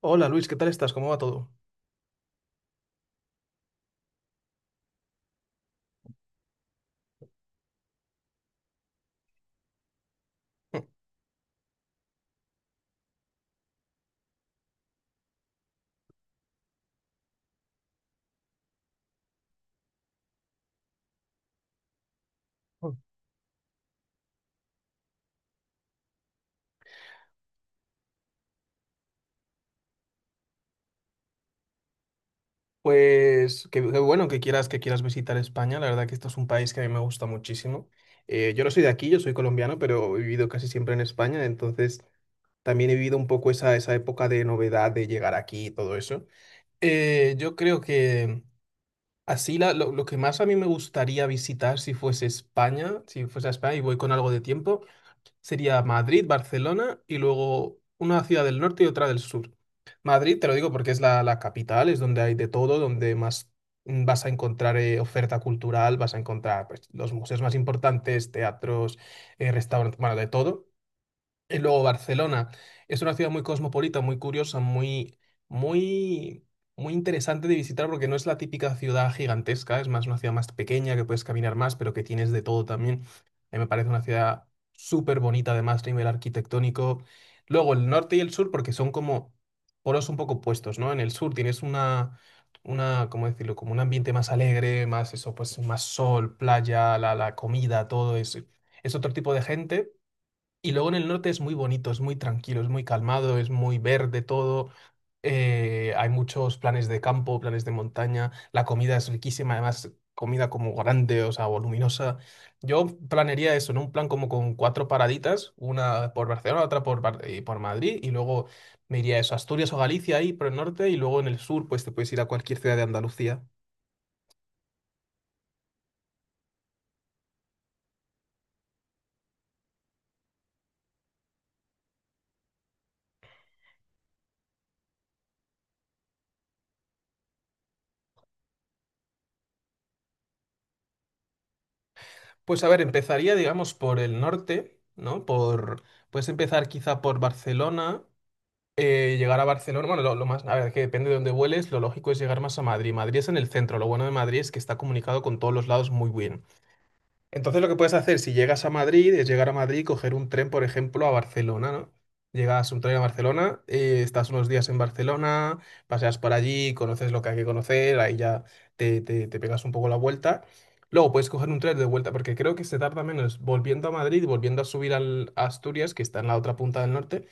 Hola Luis, ¿qué tal estás? ¿Cómo va todo? Hola. Pues qué bueno que quieras visitar España. La verdad que esto es un país que a mí me gusta muchísimo. Yo no soy de aquí, yo soy colombiano, pero he vivido casi siempre en España, entonces también he vivido un poco esa época de novedad de llegar aquí y todo eso. Yo creo que así lo que más a mí me gustaría visitar si fuese a España y voy con algo de tiempo. Sería Madrid, Barcelona y luego una ciudad del norte y otra del sur. Madrid, te lo digo porque es la capital, es donde hay de todo, donde más vas a encontrar, oferta cultural, vas a encontrar, pues, los museos más importantes, teatros, restaurantes, bueno, de todo. Y luego Barcelona es una ciudad muy cosmopolita, muy curiosa, muy, muy, muy interesante de visitar porque no es la típica ciudad gigantesca, es más una ciudad más pequeña que puedes caminar más, pero que tienes de todo también. A mí me parece una ciudad súper bonita, además, a nivel arquitectónico. Luego el norte y el sur, porque son como polos un poco opuestos, ¿no? En el sur tienes una, ¿cómo decirlo? Como un ambiente más alegre, más eso, pues más sol, playa, la comida, todo eso. Es otro tipo de gente. Y luego en el norte es muy bonito, es muy tranquilo, es muy calmado, es muy verde todo. Hay muchos planes de campo, planes de montaña. La comida es riquísima, además comida como grande, o sea, voluminosa. Yo planearía eso, ¿no? Un plan como con cuatro paraditas, una por Barcelona, otra por, por Madrid, y luego me iría a eso, Asturias o Galicia ahí por el norte, y luego en el sur, pues te puedes ir a cualquier ciudad de Andalucía. Pues a ver, empezaría, digamos, por el norte, ¿no? Por, puedes empezar quizá por Barcelona, llegar a Barcelona, bueno, lo más, a ver, que depende de dónde vueles, lo lógico es llegar más a Madrid. Madrid es en el centro, lo bueno de Madrid es que está comunicado con todos los lados muy bien. Entonces lo que puedes hacer si llegas a Madrid es llegar a Madrid y coger un tren, por ejemplo, a Barcelona, ¿no? Llegas un tren a Barcelona, estás unos días en Barcelona, paseas por allí, conoces lo que hay que conocer, ahí ya te pegas un poco la vuelta. Luego puedes coger un tren de vuelta, porque creo que se tarda menos volviendo a Madrid y volviendo a subir al a Asturias, que está en la otra punta del norte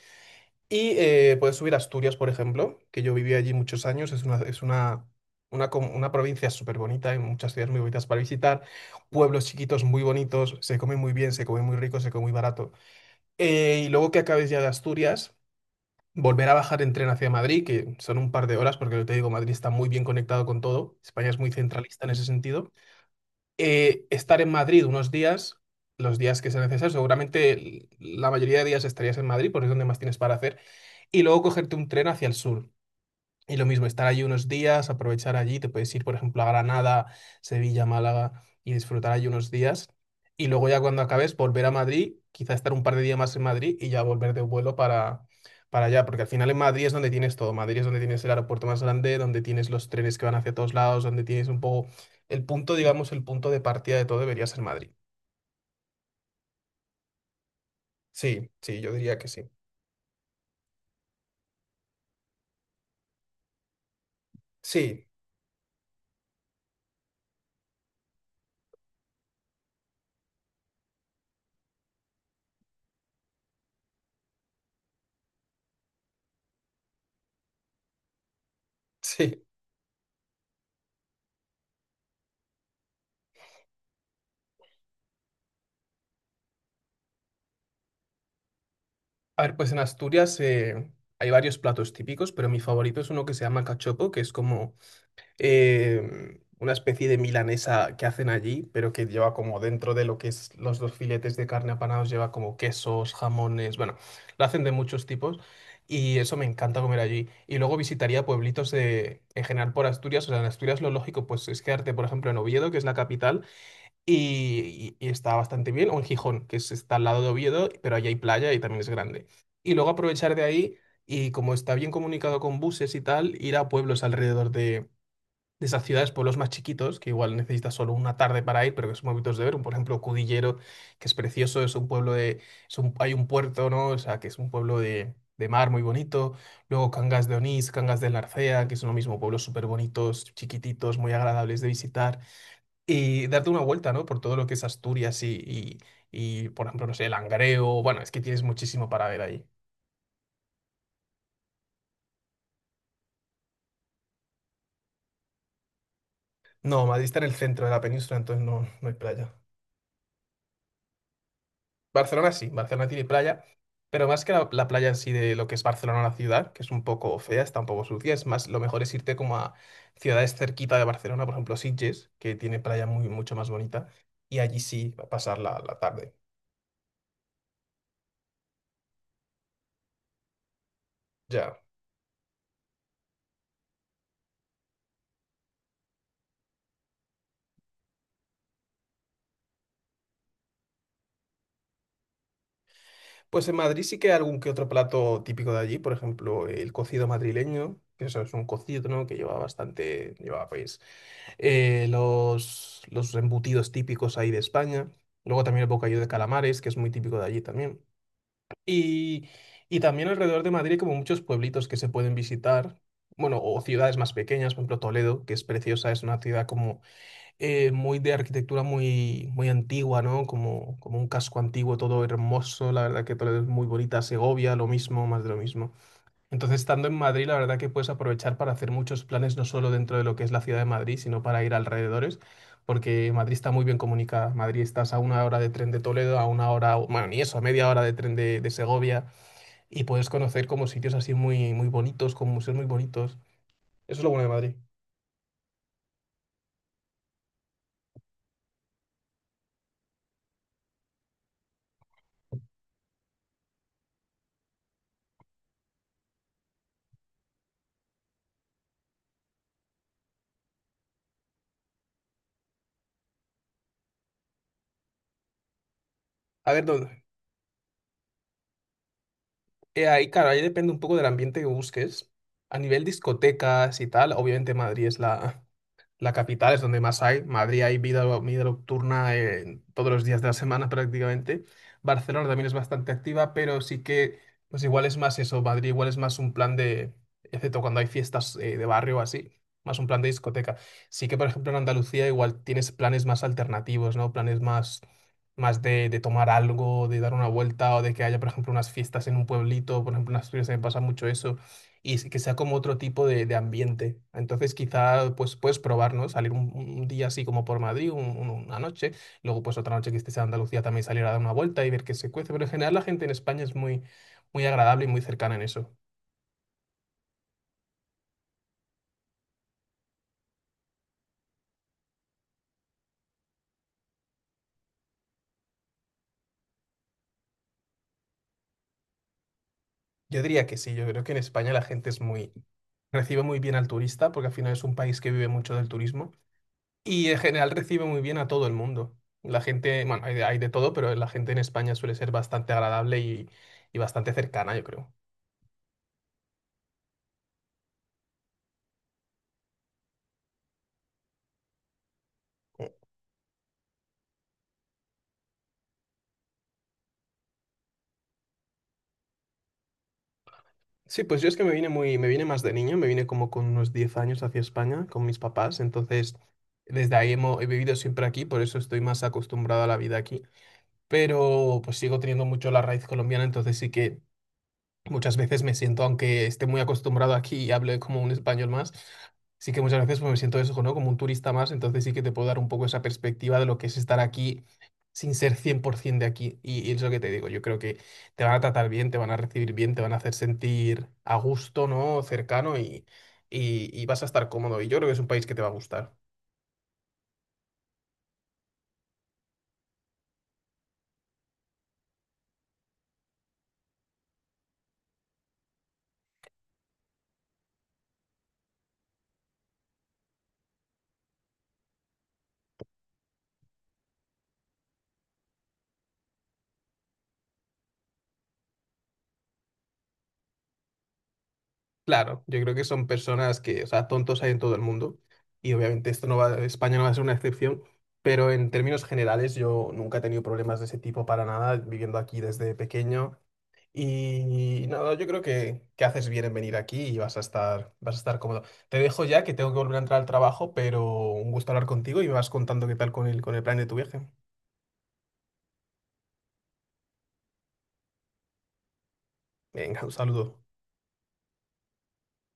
y puedes subir a Asturias, por ejemplo, que yo viví allí muchos años. Es una provincia súper bonita, hay muchas ciudades muy bonitas para visitar, pueblos chiquitos muy bonitos, se come muy bien, se come muy rico, se come muy barato. Y luego que acabes ya de Asturias, volver a bajar en tren hacia Madrid, que son un par de horas, porque yo te digo, Madrid está muy bien conectado con todo. España es muy centralista en ese sentido. Estar en Madrid unos días, los días que sea necesario, seguramente la mayoría de días estarías en Madrid, porque es donde más tienes para hacer y luego cogerte un tren hacia el sur. Y lo mismo, estar allí unos días, aprovechar allí, te puedes ir, por ejemplo, a Granada, Sevilla, Málaga y disfrutar allí unos días. Y luego ya cuando acabes, volver a Madrid, quizá estar un par de días más en Madrid y ya volver de vuelo para allá, porque al final en Madrid es donde tienes todo. Madrid es donde tienes el aeropuerto más grande, donde tienes los trenes que van hacia todos lados, donde tienes un poco el punto, digamos, el punto de partida de todo debería ser Madrid. Sí, sí, yo diría que sí. Sí, sí. A ver, pues en Asturias, hay varios platos típicos, pero mi favorito es uno que se llama cachopo, que es como una especie de milanesa que hacen allí, pero que lleva como dentro de lo que es los dos filetes de carne apanados, lleva como quesos, jamones, bueno, lo hacen de muchos tipos y eso me encanta comer allí. Y luego visitaría pueblitos de, en general por Asturias, o sea, en Asturias lo lógico pues es quedarte, por ejemplo, en Oviedo, que es la capital y, y está bastante bien, o en Gijón, está al lado de Oviedo, pero allí hay playa y también es grande. Y luego aprovechar de ahí y como está bien comunicado con buses y tal, ir a pueblos alrededor de esas ciudades, pueblos más chiquitos, que igual necesitas solo una tarde para ir, pero que son muy bonitos de ver. Por ejemplo, Cudillero, que es precioso, es un pueblo de... es un- hay un puerto, ¿no? O sea, que es un pueblo de mar muy bonito, luego Cangas de Onís, Cangas de Narcea, que son lo mismo, pueblos súper bonitos, chiquititos, muy agradables de visitar y darte una vuelta, ¿no? Por todo lo que es Asturias y, por ejemplo, no sé, el Langreo. Bueno, es que tienes muchísimo para ver ahí. No, Madrid está en el centro de la península, entonces no, no hay playa. Barcelona sí, Barcelona tiene playa, pero más que la playa en sí de lo que es Barcelona, la ciudad, que es un poco fea, está un poco sucia, es más, lo mejor es irte como a ciudades cerquita de Barcelona, por ejemplo, Sitges, que tiene playa muy, mucho más bonita, y allí sí, va a pasar la tarde. Ya. Pues en Madrid sí que hay algún que otro plato típico de allí, por ejemplo, el cocido madrileño, que eso es un cocido, ¿no? Que lleva bastante, lleva pues, los embutidos típicos ahí de España. Luego también el bocadillo de calamares, que es muy típico de allí también. Y, y también alrededor de Madrid hay como muchos pueblitos que se pueden visitar, bueno, o ciudades más pequeñas, por ejemplo Toledo, que es preciosa, es una ciudad como muy de arquitectura muy, muy antigua, ¿no? Como un casco antiguo, todo hermoso, la verdad que todo es muy bonita, Segovia, lo mismo, más de lo mismo. Entonces, estando en Madrid, la verdad que puedes aprovechar para hacer muchos planes, no solo dentro de lo que es la ciudad de Madrid, sino para ir alrededores, porque Madrid está muy bien comunicada. Madrid estás a una hora de tren de Toledo, a una hora, bueno, ni eso, a media hora de tren de Segovia, y puedes conocer como sitios así muy, muy bonitos, con museos muy bonitos. Eso es lo bueno de Madrid. A ver, ¿dónde? Ahí, claro, ahí depende un poco del ambiente que busques. A nivel discotecas y tal, obviamente Madrid es la capital, es donde más hay. Madrid hay vida nocturna, todos los días de la semana prácticamente. Barcelona también es bastante activa, pero sí que, pues igual es más eso. Madrid igual es más un plan de, excepto cuando hay fiestas, de barrio o así, más un plan de discoteca. Sí que, por ejemplo, en Andalucía igual tienes planes más alternativos, ¿no? Planes más, más de tomar algo, de dar una vuelta o de que haya, por ejemplo, unas fiestas en un pueblito. Por ejemplo, en Asturias se me pasa mucho eso y que sea como otro tipo de ambiente. Entonces quizá pues puedes probar, ¿no? Salir un día así como por Madrid, una noche, luego pues otra noche que estés en Andalucía también salir a dar una vuelta y ver qué se cuece, pero en general la gente en España es muy, muy agradable y muy cercana en eso. Yo diría que sí, yo creo que en España la gente es muy, recibe muy bien al turista, porque al final es un país que vive mucho del turismo, y en general recibe muy bien a todo el mundo. La gente, bueno, hay de todo, pero la gente en España suele ser bastante agradable y bastante cercana, yo creo. Sí, pues yo es que me vine más de niño, me vine como con unos 10 años hacia España con mis papás, entonces desde ahí he vivido siempre aquí, por eso estoy más acostumbrado a la vida aquí, pero pues sigo teniendo mucho la raíz colombiana, entonces sí que muchas veces me siento, aunque esté muy acostumbrado aquí y hable como un español más, sí que muchas veces pues, me siento eso, ¿no? Como un turista más, entonces sí que te puedo dar un poco esa perspectiva de lo que es estar aquí sin ser 100% de aquí. Y es lo que te digo, yo creo que te van a tratar bien, te van a recibir bien, te van a hacer sentir a gusto, ¿no? Cercano y vas a estar cómodo. Y yo creo que es un país que te va a gustar. Claro, yo creo que son personas que, o sea, tontos hay en todo el mundo y obviamente esto España no va a ser una excepción, pero en términos generales yo nunca he tenido problemas de ese tipo para nada viviendo aquí desde pequeño y nada, yo creo que haces bien en venir aquí y vas a estar cómodo. Te dejo ya que tengo que volver a entrar al trabajo, pero un gusto hablar contigo y me vas contando qué tal con con el plan de tu viaje. Venga, un saludo.